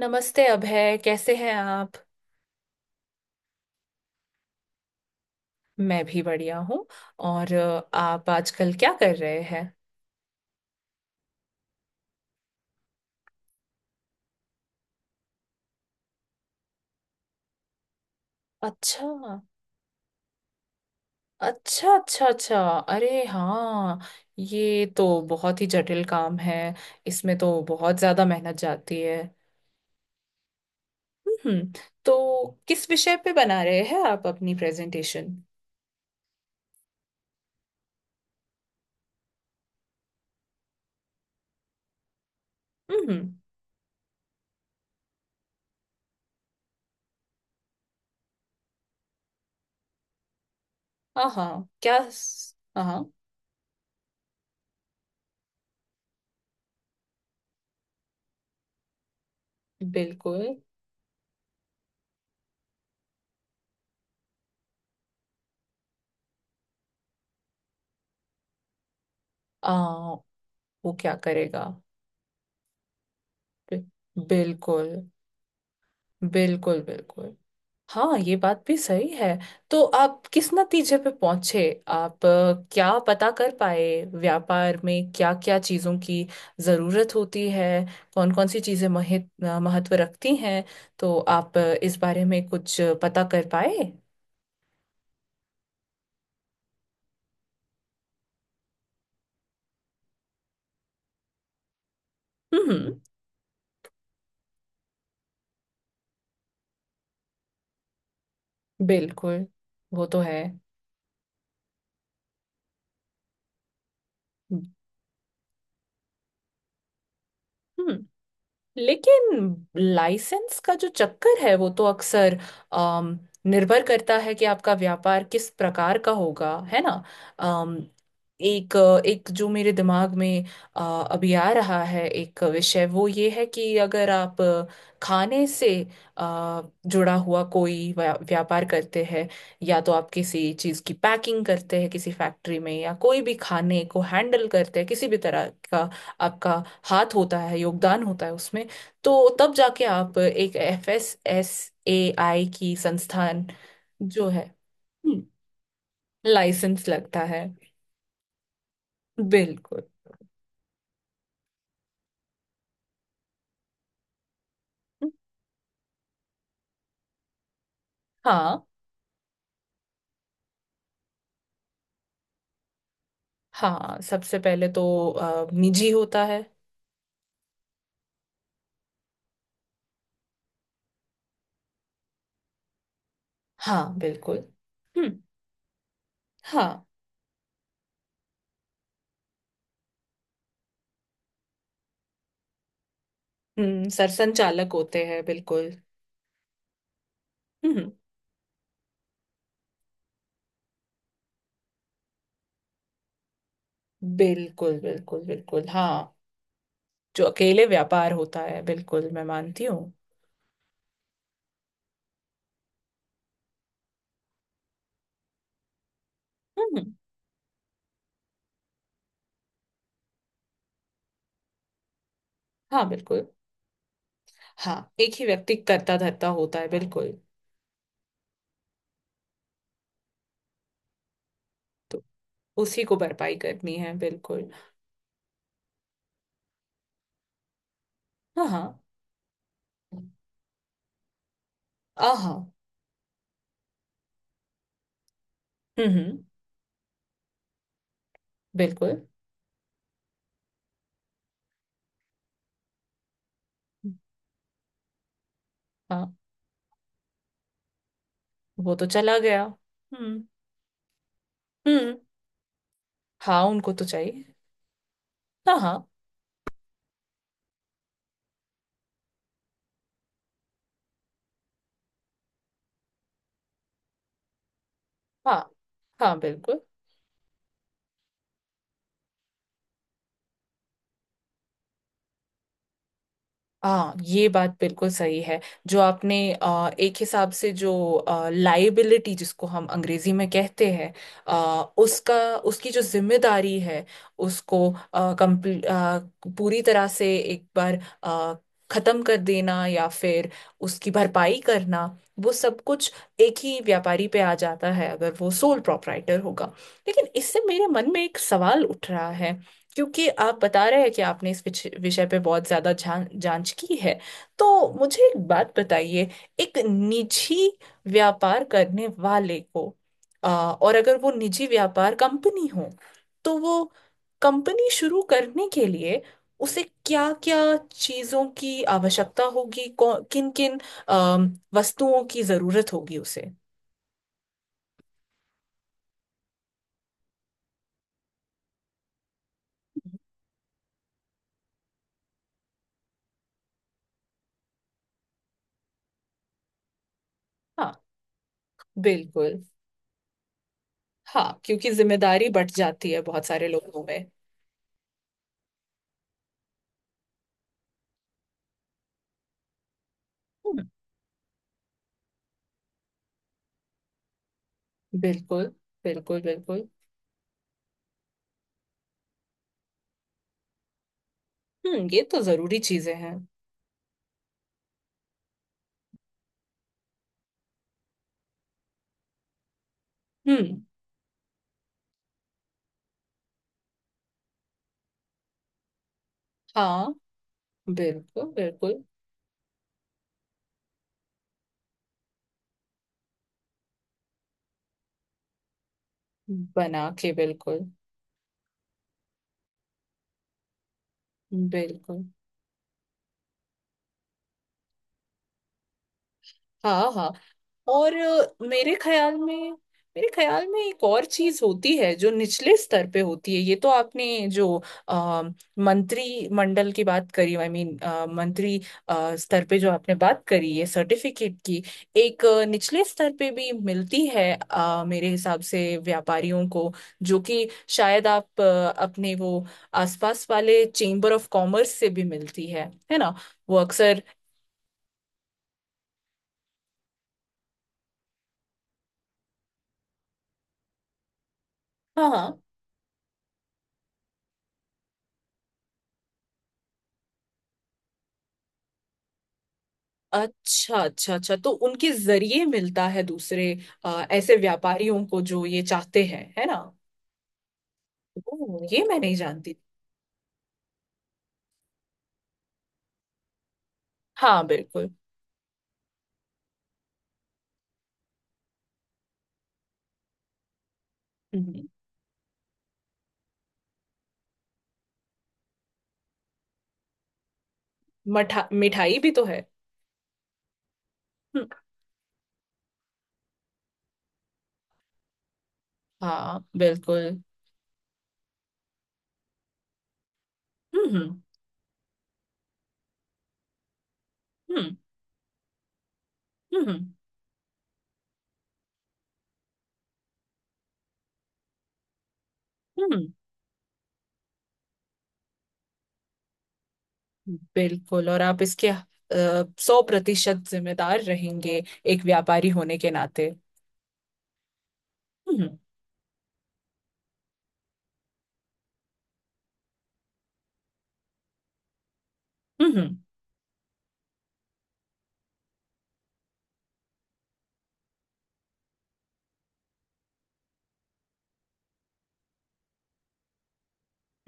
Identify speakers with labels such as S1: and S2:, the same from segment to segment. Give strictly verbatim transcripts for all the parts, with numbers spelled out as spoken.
S1: नमस्ते अभय, कैसे हैं आप। मैं भी बढ़िया हूँ। और अ, आप आजकल क्या कर रहे हैं। अच्छा। अच्छा अच्छा अच्छा। अरे हाँ, ये तो बहुत ही जटिल काम है। इसमें तो बहुत ज्यादा मेहनत जाती है। हम्म। तो किस विषय पे बना रहे हैं आप अपनी प्रेजेंटेशन। हम्म। हाँ हाँ, क्या? हाँ हाँ, बिल्कुल। आ, वो क्या करेगा। बि- बिल्कुल बिल्कुल बिल्कुल। हाँ, ये बात भी सही है। तो आप किस नतीजे पे पहुंचे। आप अ, क्या पता कर पाए। व्यापार में क्या क्या चीजों की जरूरत होती है। कौन कौन सी चीजें महत, अ, महत्व रखती हैं। तो आप अ, इस बारे में कुछ पता कर पाए। हम्म। बिल्कुल। वो तो है। हम्म। लेकिन लाइसेंस का जो चक्कर है वो तो अक्सर, अम, निर्भर करता है कि आपका व्यापार किस प्रकार का होगा, है ना। अम, एक एक जो मेरे दिमाग में अ, अभी आ रहा है एक विषय, वो ये है कि अगर आप खाने से अ, जुड़ा हुआ कोई व्या- व्यापार करते हैं, या तो आप किसी चीज़ की पैकिंग करते हैं किसी फैक्ट्री में, या कोई भी खाने को हैंडल करते हैं किसी भी तरह का, आपका हाथ होता है, योगदान होता है उसमें, तो तब जाके आप एक F S S A I की संस्थान जो है, लाइसेंस लगता है। बिल्कुल। हाँ, हाँ सबसे पहले तो अ, निजी होता है। हाँ बिल्कुल। हम्म। हाँ। हम्म, सरसंघ चालक होते हैं, बिल्कुल। हम्म। बिल्कुल बिल्कुल बिल्कुल, हाँ। जो अकेले व्यापार होता है, बिल्कुल, मैं मानती हूँ। हम्म। हाँ बिल्कुल। हाँ, एक ही व्यक्ति करता धरता होता है, बिल्कुल। तो उसी को भरपाई करनी है, बिल्कुल। हाँ हाँ। आहा। हम्म हम्म। बिल्कुल। हाँ वो तो चला गया, हम्म। हम्म। हाँ, उनको तो चाहिए। हाँ हाँ। हाँ हाँ बिल्कुल। हाँ, ये बात बिल्कुल सही है। जो आपने अ, एक हिसाब से जो लाइबिलिटी जिसको हम अंग्रेजी में कहते हैं, अ, उसका, उसकी जो जिम्मेदारी है, उसको अ, complete- अ, पूरी तरह से एक बार अ, खत्म कर देना या फिर उसकी भरपाई करना, वो सब कुछ एक ही व्यापारी पे आ जाता है अगर वो सोल प्रोप्राइटर होगा। लेकिन इससे मेरे मन में एक सवाल उठ रहा है। क्योंकि आप बता रहे हैं कि आपने इस विच- विषय पे बहुत ज्यादा जान, जांच की है, तो मुझे एक बात बताइए। एक निजी व्यापार करने वाले को, आ, और अगर वो निजी व्यापार कंपनी हो, तो वो कंपनी शुरू करने के लिए उसे क्या क्या चीजों की आवश्यकता होगी, किन किन वस्तुओं की जरूरत होगी उसे। हाँ बिल्कुल। हाँ, क्योंकि जिम्मेदारी बढ़ जाती है बहुत सारे लोगों में। बिल्कुल बिल्कुल बिल्कुल। हम्म, ये तो जरूरी चीजें हैं। हम्म। हाँ। बिल्कुल बिल्कुल। बना के, बिल्कुल। बिल्कुल। हाँ हाँ। और अ, मेरे ख्याल में मेरे ख्याल में एक और चीज होती है जो निचले स्तर पे होती है। ये तो आपने जो आ, मंत्री मंडल की बात करी, आई मीन मंत्री अ, स्तर पे जो आपने बात करी है सर्टिफिकेट की, एक अ, निचले स्तर पे भी मिलती है अ, मेरे हिसाब से व्यापारियों को, जो कि शायद आप अ, अपने वो आसपास वाले चेंबर ऑफ कॉमर्स से भी मिलती है है ना। वो अक्सर, हाँ हाँ। अच्छा अच्छा अच्छा, तो उनके जरिए मिलता है दूसरे अ, ऐसे व्यापारियों को जो ये चाहते हैं, है ना। ओ, ये मैं नहीं जानती। हाँ बिल्कुल। हम्म। मठा मिठाई भी तो है। हम्म, हाँ बिल्कुल। हम्म हम्म। हम्म। हम्म। हम्म, हम्म, बिल्कुल। और आप इसके सौ प्रतिशत जिम्मेदार रहेंगे एक व्यापारी होने के नाते। हम्म। हम्म।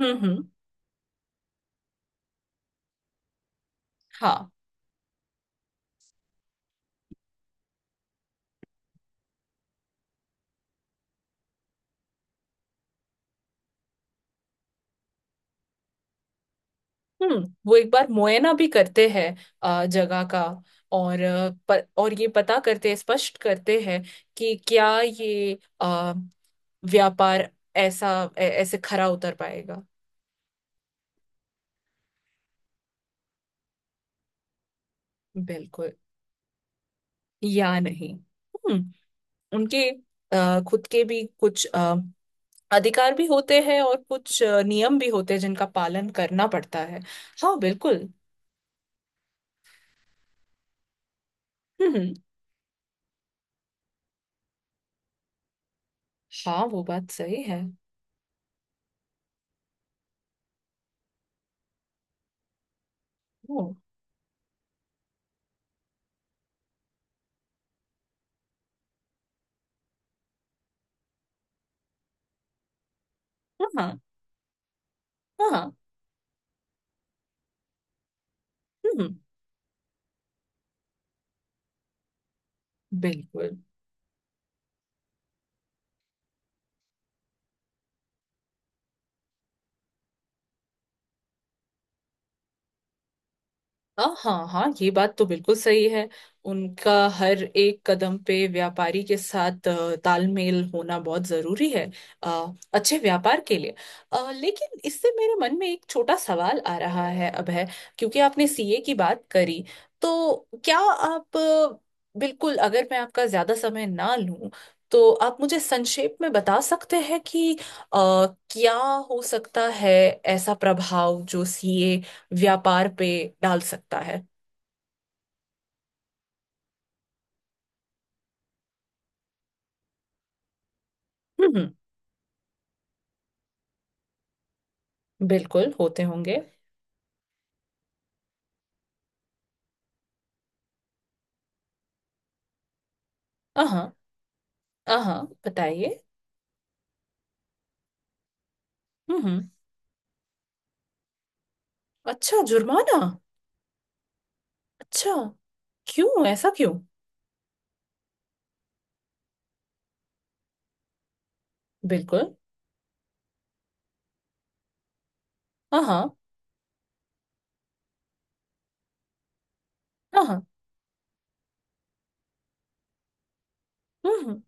S1: हम्म। हम्म। हाँ। हम्म, वो एक बार मुआयना भी करते हैं अ, जगह का, और अ, प, और ये पता करते हैं, स्पष्ट करते हैं कि क्या ये अ, व्यापार ऐसा ऐ- ऐसे खरा उतर पाएगा। बिल्कुल या नहीं। हम्म। उनके अ, खुद के भी कुछ अ, अधिकार भी होते हैं और कुछ अ, नियम भी होते हैं जिनका पालन करना पड़ता है। हाँ बिल्कुल। हम्म। हाँ, वो बात सही है। ओ, हाँ हाँ हाँ, हम्म। बिल्कुल। हाँ हाँ हाँ, ये बात तो बिल्कुल सही है। उनका हर एक कदम पे व्यापारी के साथ अ, तालमेल होना बहुत जरूरी है अ, अच्छे व्यापार के लिए। अ, लेकिन इससे मेरे मन में एक छोटा सवाल आ रहा है अब है, क्योंकि आपने सी ए की बात करी। तो क्या आप अ, बिल्कुल, अगर मैं आपका ज्यादा समय ना लूं, तो आप मुझे संक्षेप में बता सकते हैं कि अ, क्या हो सकता है ऐसा प्रभाव जो सी ए व्यापार पे डाल सकता है। हम्म, बिल्कुल होते होंगे। हाँ हाँ, बताइए। हम्म हम्म। अच्छा, जुर्माना। अच्छा, क्यों? ऐसा क्यों? बिल्कुल। हाँ हाँ। हम्म हम्म।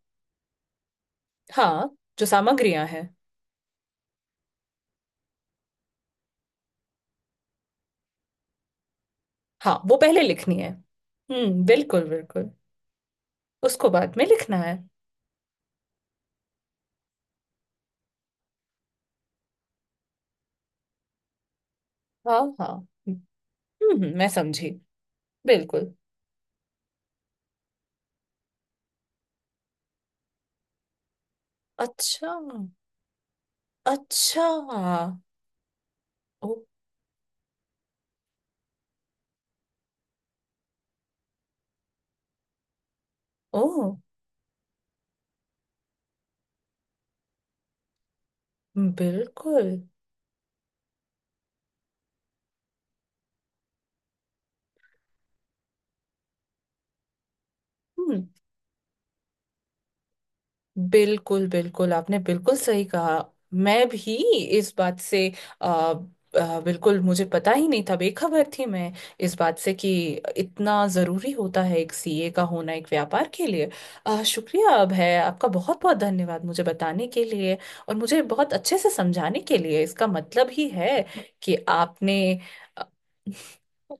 S1: हाँ, जो सामग्रियां हैं। हाँ वो पहले लिखनी है, हम्म, बिल्कुल बिल्कुल। उसको बाद में लिखना है। हाँ हाँ। हम्म। हम्म, मैं समझी। बिल्कुल। अच्छा, अच्छा। ओ। ओ। बिल्कुल। हम्म। बिल्कुल बिल्कुल, आपने बिल्कुल सही कहा। मैं भी इस बात से, आ, आ, बिल्कुल मुझे पता ही नहीं था, बेखबर थी मैं इस बात से, कि इतना ज़रूरी होता है एक सी ए का होना एक व्यापार के लिए। आ, शुक्रिया अब है आपका, बहुत बहुत धन्यवाद मुझे बताने के लिए और मुझे बहुत अच्छे से समझाने के लिए। इसका मतलब ही है कि आपने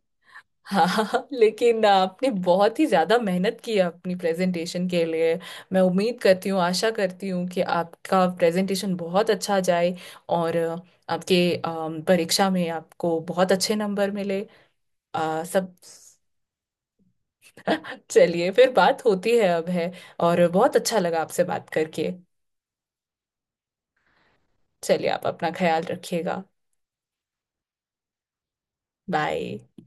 S1: हाँ लेकिन आपने बहुत ही ज्यादा मेहनत की है अपनी प्रेजेंटेशन के लिए। मैं उम्मीद करती हूँ, आशा करती हूँ कि आपका प्रेजेंटेशन बहुत अच्छा जाए, और अ, आपके अम, परीक्षा में आपको बहुत अच्छे नंबर मिले अ, सब। चलिए फिर बात होती है अब है, और बहुत अच्छा लगा आपसे बात करके। चलिए, आप अपना ख्याल रखिएगा। बाय।